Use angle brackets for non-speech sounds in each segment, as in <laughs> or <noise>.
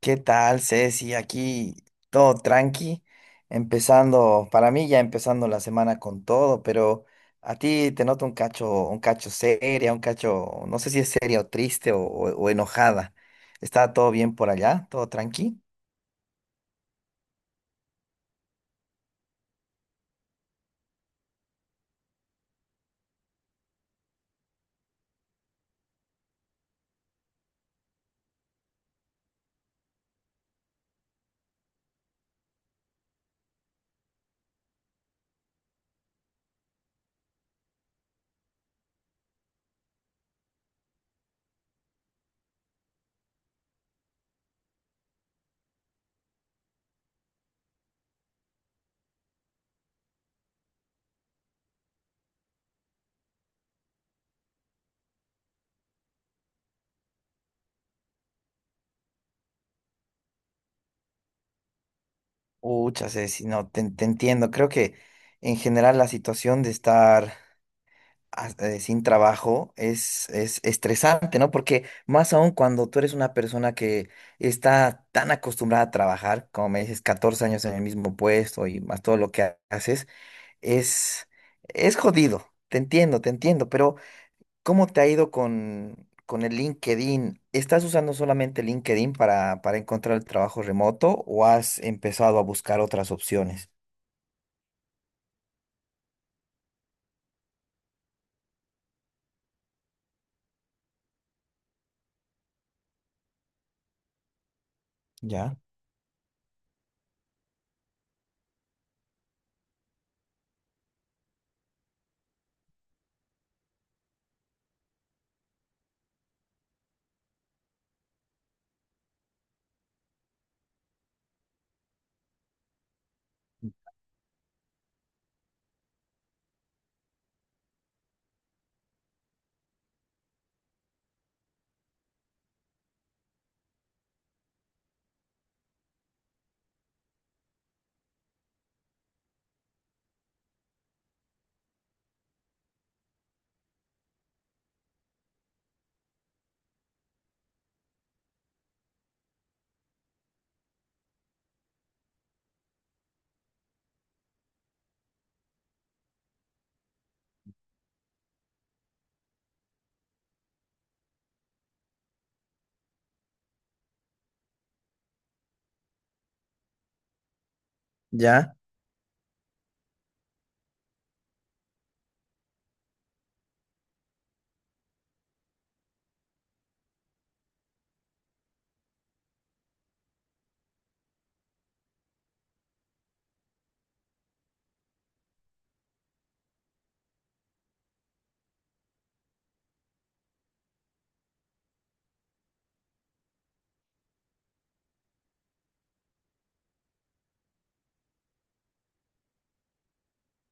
¿Qué tal, Ceci? Aquí todo tranqui, empezando, para mí ya empezando la semana con todo, pero a ti te noto un cacho seria, un cacho, no sé si es seria o triste o enojada. ¿Está todo bien por allá? ¿Todo tranqui? Ucha, Ceci, no, te entiendo. Creo que en general la situación de estar sin trabajo es estresante, ¿no? Porque más aún cuando tú eres una persona que está tan acostumbrada a trabajar, como me dices, 14 años en el mismo puesto y más todo lo que haces, es, es jodido. Te entiendo, pero ¿cómo te ha ido con el LinkedIn? ¿Estás usando solamente LinkedIn para encontrar el trabajo remoto o has empezado a buscar otras opciones? Ya, ya,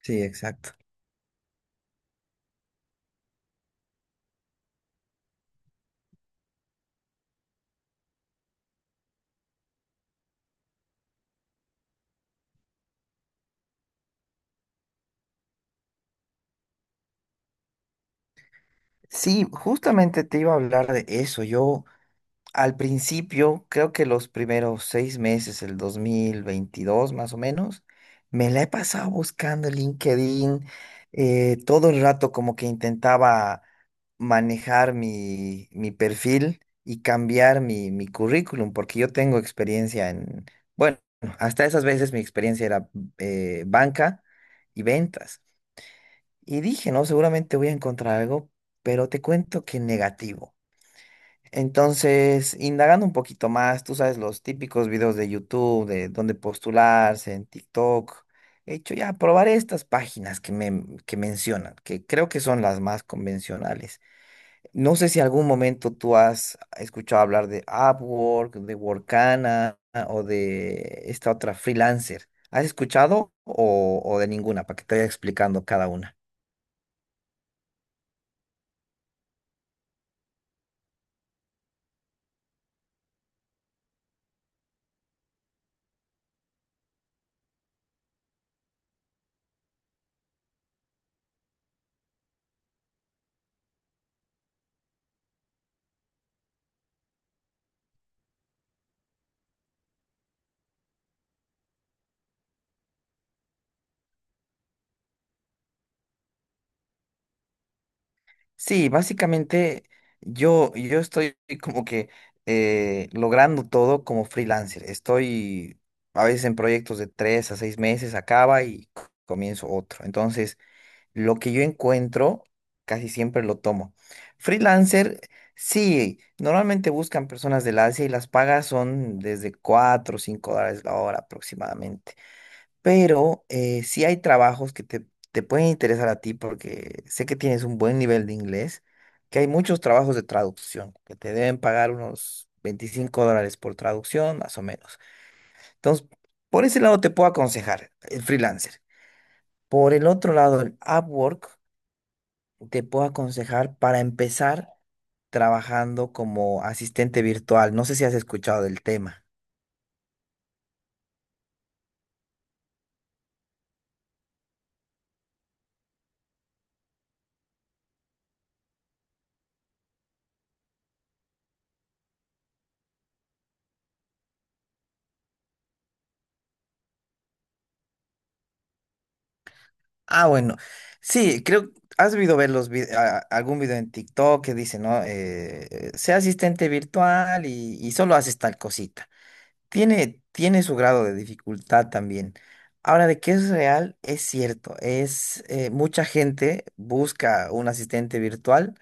sí, exacto. Sí, justamente te iba a hablar de eso. Yo al principio, creo que los primeros 6 meses, el 2022 más o menos, me la he pasado buscando LinkedIn, todo el rato como que intentaba manejar mi perfil y cambiar mi currículum, porque yo tengo experiencia en, bueno, hasta esas veces mi experiencia era banca y ventas. Y dije, no, seguramente voy a encontrar algo, pero te cuento que negativo. Entonces, indagando un poquito más, tú sabes, los típicos videos de YouTube, de dónde postularse, en TikTok, he hecho ya probaré estas páginas que me que mencionan, que creo que son las más convencionales. No sé si algún momento tú has escuchado hablar de Upwork, de Workana o de esta otra freelancer. ¿Has escuchado o de ninguna para que te vaya explicando cada una? Sí, básicamente yo estoy como que logrando todo como freelancer. Estoy a veces en proyectos de 3 a 6 meses, acaba y comienzo otro. Entonces, lo que yo encuentro, casi siempre lo tomo. Freelancer, sí, normalmente buscan personas del Asia y las pagas son desde 4 o 5 dólares la hora aproximadamente. Pero sí hay trabajos que te pueden interesar a ti porque sé que tienes un buen nivel de inglés, que hay muchos trabajos de traducción, que te deben pagar unos 25 dólares por traducción, más o menos. Entonces, por ese lado te puedo aconsejar el freelancer. Por el otro lado, el Upwork te puedo aconsejar para empezar trabajando como asistente virtual. No sé si has escuchado del tema. Ah, bueno. Sí, creo, has debido ver los algún video en TikTok que dice, ¿no? Sea asistente virtual y solo haces tal cosita. Tiene su grado de dificultad también. Ahora, de que es real, es cierto. Mucha gente busca un asistente virtual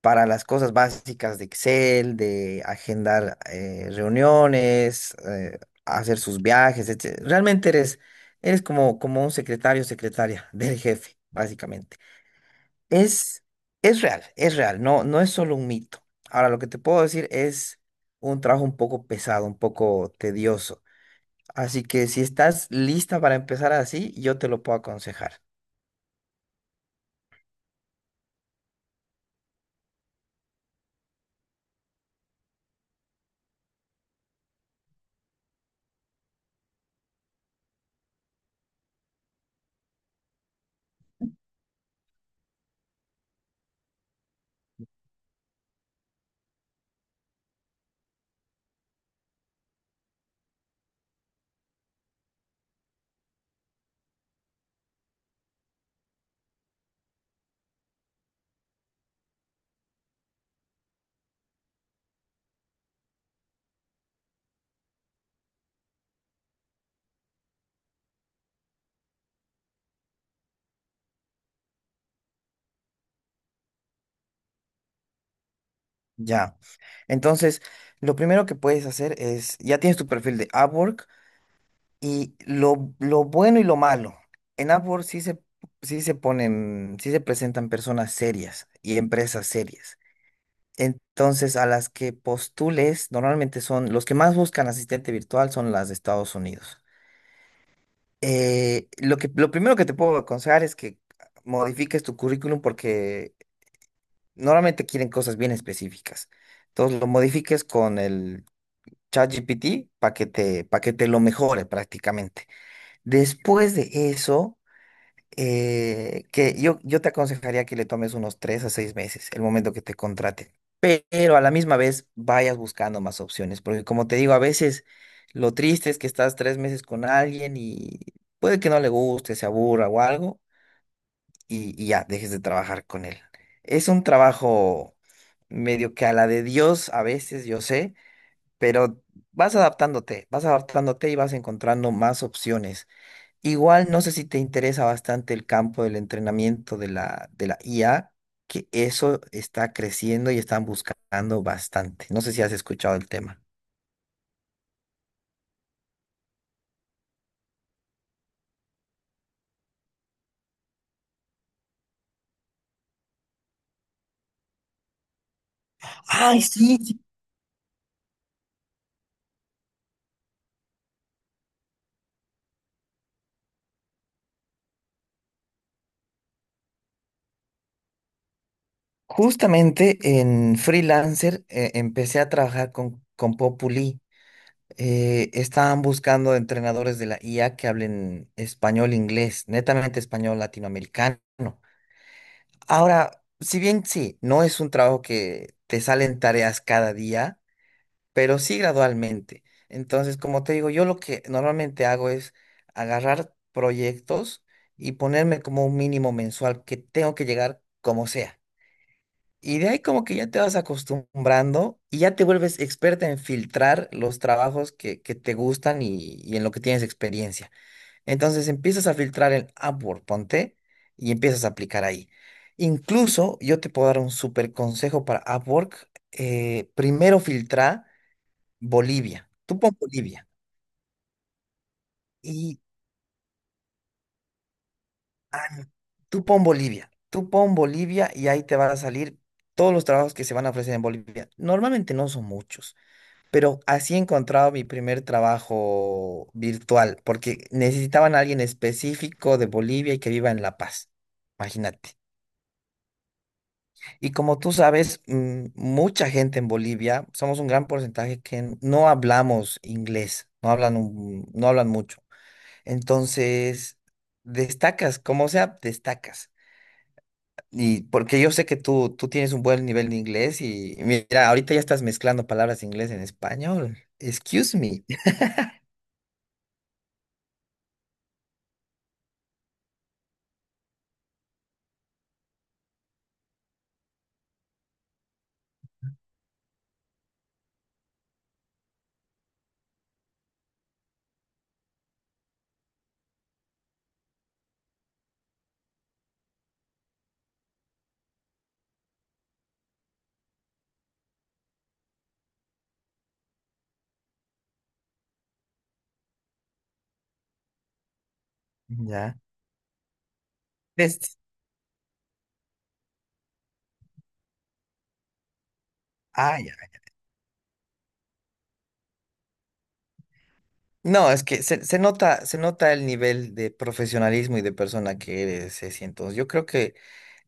para las cosas básicas de Excel, de agendar reuniones, hacer sus viajes, etc. Realmente eres como, como un secretario o secretaria <laughs> del jefe, básicamente. Es, es real, es real, no, no es solo un mito. Ahora, lo que te puedo decir es un trabajo un poco pesado, un poco tedioso. Así que si estás lista para empezar así, yo te lo puedo aconsejar. Ya. Entonces, lo primero que puedes hacer es, ya tienes tu perfil de Upwork, y lo bueno y lo malo. En Upwork sí se ponen, sí se presentan personas serias y empresas serias. Entonces, a las que postules, normalmente son los que más buscan asistente virtual son las de Estados Unidos. Lo que, lo primero que te puedo aconsejar es que modifiques tu currículum porque normalmente quieren cosas bien específicas. Entonces, lo modifiques con el ChatGPT para que te lo mejore prácticamente. Después de eso que yo te aconsejaría que le tomes unos 3 a 6 meses, el momento que te contraten. Pero a la misma vez vayas buscando más opciones, porque como te digo, a veces lo triste es que estás 3 meses con alguien y puede que no le guste, se aburra o algo, y ya dejes de trabajar con él. Es un trabajo medio que a la de Dios a veces, yo sé, pero vas adaptándote y vas encontrando más opciones. Igual no sé si te interesa bastante el campo del entrenamiento de la IA, que eso está creciendo y están buscando bastante. No sé si has escuchado el tema. Ay, sí, sí. Justamente en Freelancer empecé a trabajar con Populi. Estaban buscando entrenadores de la IA que hablen español, inglés, netamente español latinoamericano. Ahora, si bien sí, no es un trabajo que te salen tareas cada día, pero sí gradualmente. Entonces, como te digo, yo lo que normalmente hago es agarrar proyectos y ponerme como un mínimo mensual que tengo que llegar como sea. Y de ahí como que ya te vas acostumbrando y ya te vuelves experta en filtrar los trabajos que te gustan y en lo que tienes experiencia. Entonces empiezas a filtrar en Upwork, ponte, y empiezas a aplicar ahí. Incluso yo te puedo dar un súper consejo para Upwork. Eh, primero filtra Bolivia. Tú pon Bolivia. Y no, tú pon Bolivia. Tú pon Bolivia y ahí te van a salir todos los trabajos que se van a ofrecer en Bolivia. Normalmente no son muchos, pero así he encontrado mi primer trabajo virtual, porque necesitaban a alguien específico de Bolivia y que viva en La Paz. Imagínate. Y como tú sabes, mucha gente en Bolivia, somos un gran porcentaje que no hablamos inglés, no hablan, un- no hablan mucho. Entonces, destacas, como sea, destacas. Y porque yo sé que tú tienes un buen nivel de inglés y mira, ahorita ya estás mezclando palabras de inglés en español. Excuse me. <laughs> Ya. Des- ya. No, es que se nota, se nota el nivel de profesionalismo y de persona que eres, Ceci. Entonces, yo creo que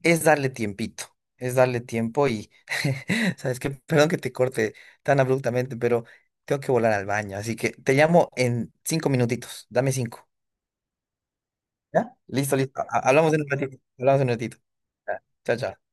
es darle tiempito, es darle tiempo y, <laughs> sabes que, perdón que te corte tan abruptamente, pero tengo que volar al baño, así que te llamo en 5 minutitos, dame cinco. ¿Ya? Listo, listo. Hablamos en un ratito, hablamos en un ratito. Ya, chao, chao.